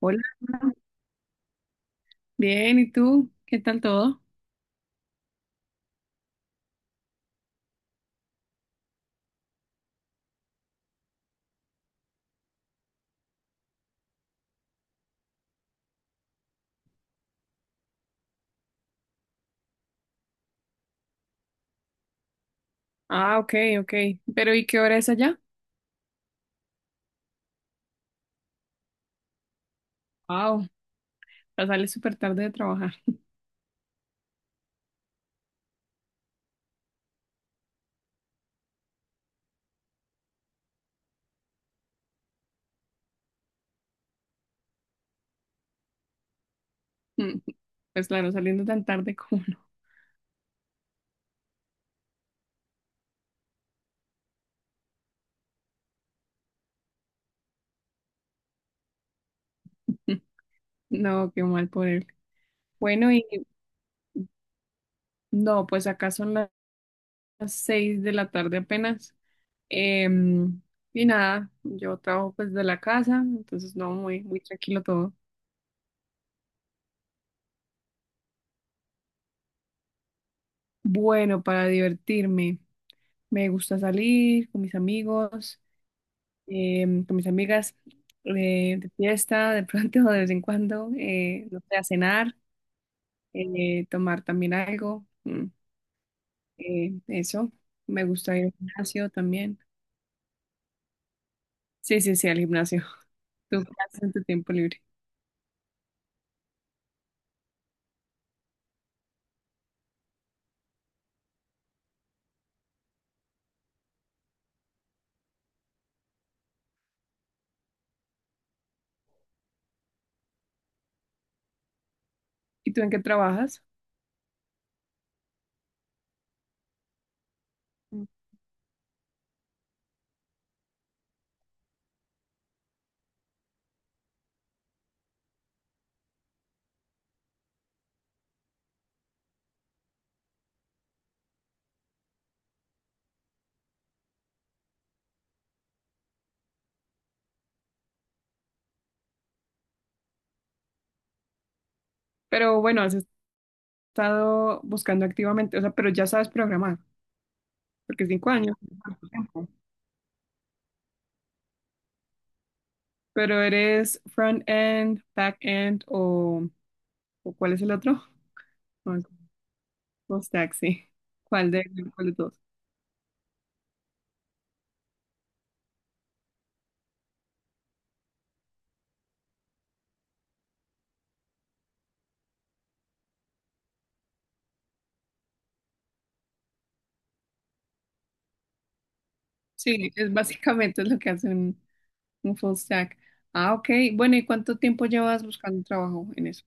Hola, bien, ¿y tú? ¿Qué tal todo? Ah, ok, ok. Pero ¿y qué hora es allá? Wow, ya sales súper tarde de trabajar. Mm. Pues claro, saliendo tan tarde como no. No, qué mal por él. Bueno, no, pues acá son las 6 de la tarde apenas. Em, y nada, yo trabajo pues de la casa, entonces no, muy tranquilo todo. Bueno, para divertirme, me gusta salir con mis amigos. Con mis amigas de fiesta, de pronto, de vez en cuando, no sé, a cenar, tomar también algo. Eh, eso, Me gusta ir al gimnasio también. Sí, sí, sí, al gimnasio. ¿Tú qué haces en tu tiempo libre? ¿Y tú en qué trabajas? Mm. Pero bueno, has estado buscando activamente, o sea, pero ya sabes programar, porque 5 años es harto tiempo. Pero ¿eres front-end, back-end o cuál es el otro? No, es full stack, sí. ¿Cuál de, ¿Cuál de todos? Sí, es básicamente es lo que hace un full stack. Ah, ok. Bueno, ¿y cuánto tiempo llevas buscando trabajo en eso?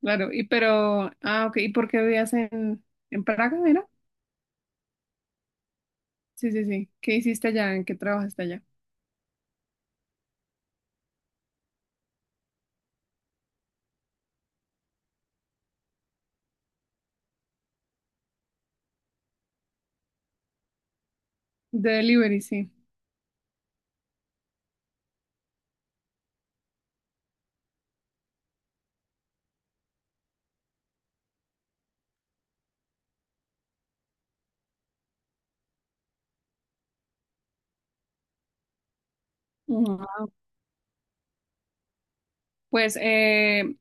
Ah, ok, ¿y por qué vivías en Praga, era? Sí, sí, sí. ¿Qué hiciste allá? ¿En qué trabajaste allá? De delivery, sí. Ujú. Pues, eh,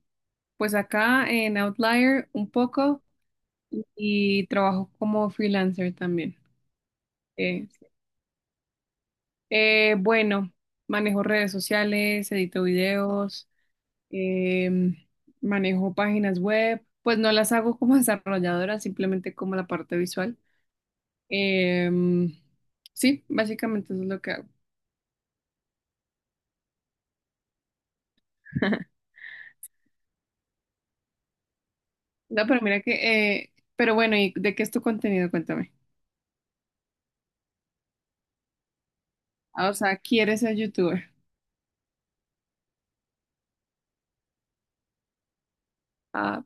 pues acá en Outlier un poco y trabajo como freelancer también. Eh, bueno, manejo redes sociales, edito videos. em, Manejo páginas web, pues no las hago como desarrolladora, simplemente como la parte visual. Em, sí, básicamente eso es lo que hago. No, pero mira que, Pero bueno, ¿y de qué es tu contenido? Cuéntame. Ah, o sea, ¿quieres ser youtuber? Ah,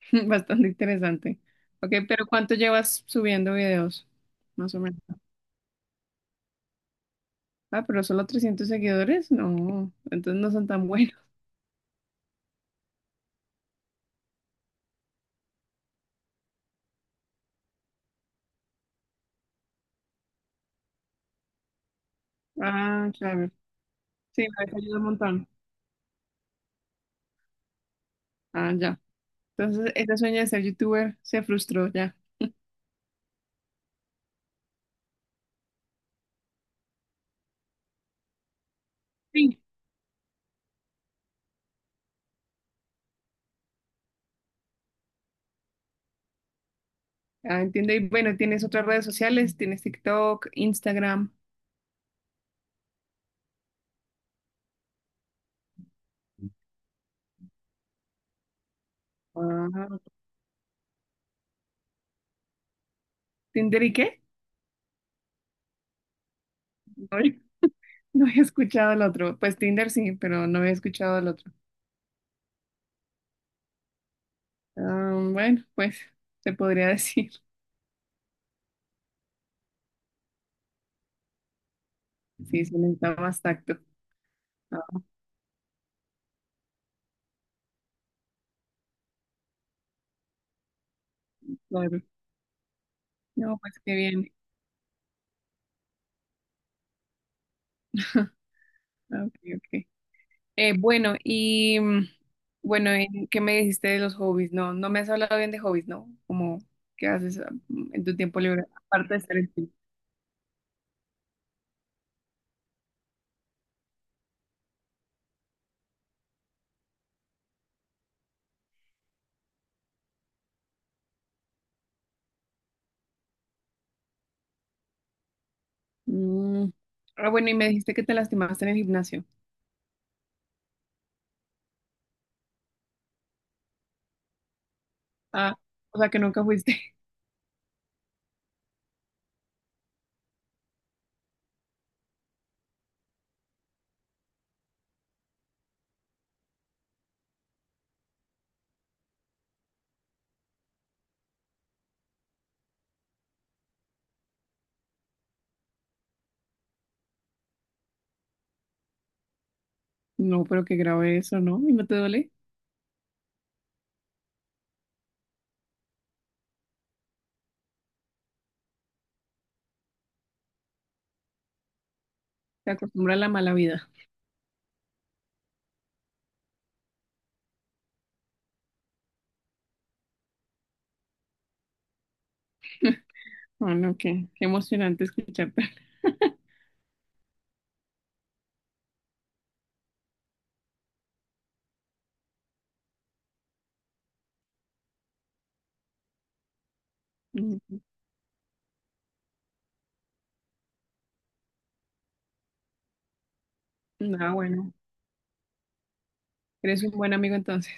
bastante interesante. Ok, pero ¿cuánto llevas subiendo videos? Más o menos. Ah, pero solo 300 seguidores, no, entonces no son tan buenos. Ah, claro. Sí, me ayuda un montón. Ah, ya. Entonces, ese sueño de ser youtuber se frustró ya. Sí. Ah, entiendo. Y bueno, ¿tienes otras redes sociales? ¿Tienes TikTok, Instagram? Ah, ¿Tinder y qué? No, no había escuchado el otro. Pues Tinder sí, pero no había escuchado el otro. Ah, bueno, pues se podría decir. Sí, se necesita más tacto. Ah, claro. No, pues qué bien. Ah, ok, ok. Eh, bueno, y mm, bueno, ¿en qué me dijiste de los hobbies? No, no me has hablado bien de hobbies, ¿no? Como, ¿qué haces en tu tiempo libre, aparte de estar en ti? Mm. Ah, bueno, y me dijiste que te lastimaste en el gimnasio. Ah, o sea, que nunca fuiste. No, pero qué grave eso, ¿no? ¿Y no te duele? Te acostumbra a la mala vida. Bueno, qué emocionante escucharte. Mm. Ah, bueno, eres un buen amigo entonces.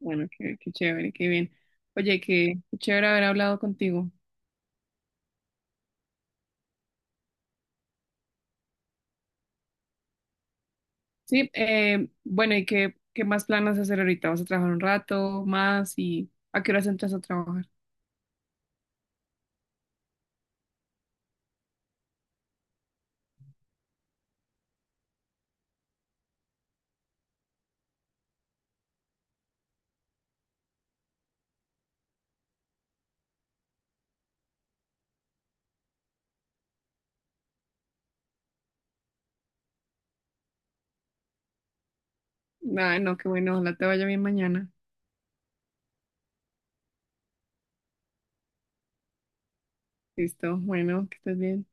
Bueno, qué chévere, qué bien. Oye, qué chévere haber hablado contigo. Sí, bueno, ¿y qué más planas hacer ahorita? ¿Vas a trabajar un rato más y a qué horas entras a trabajar? Ah, no, qué bueno, ojalá te vaya bien mañana. Listo, bueno, que estés bien.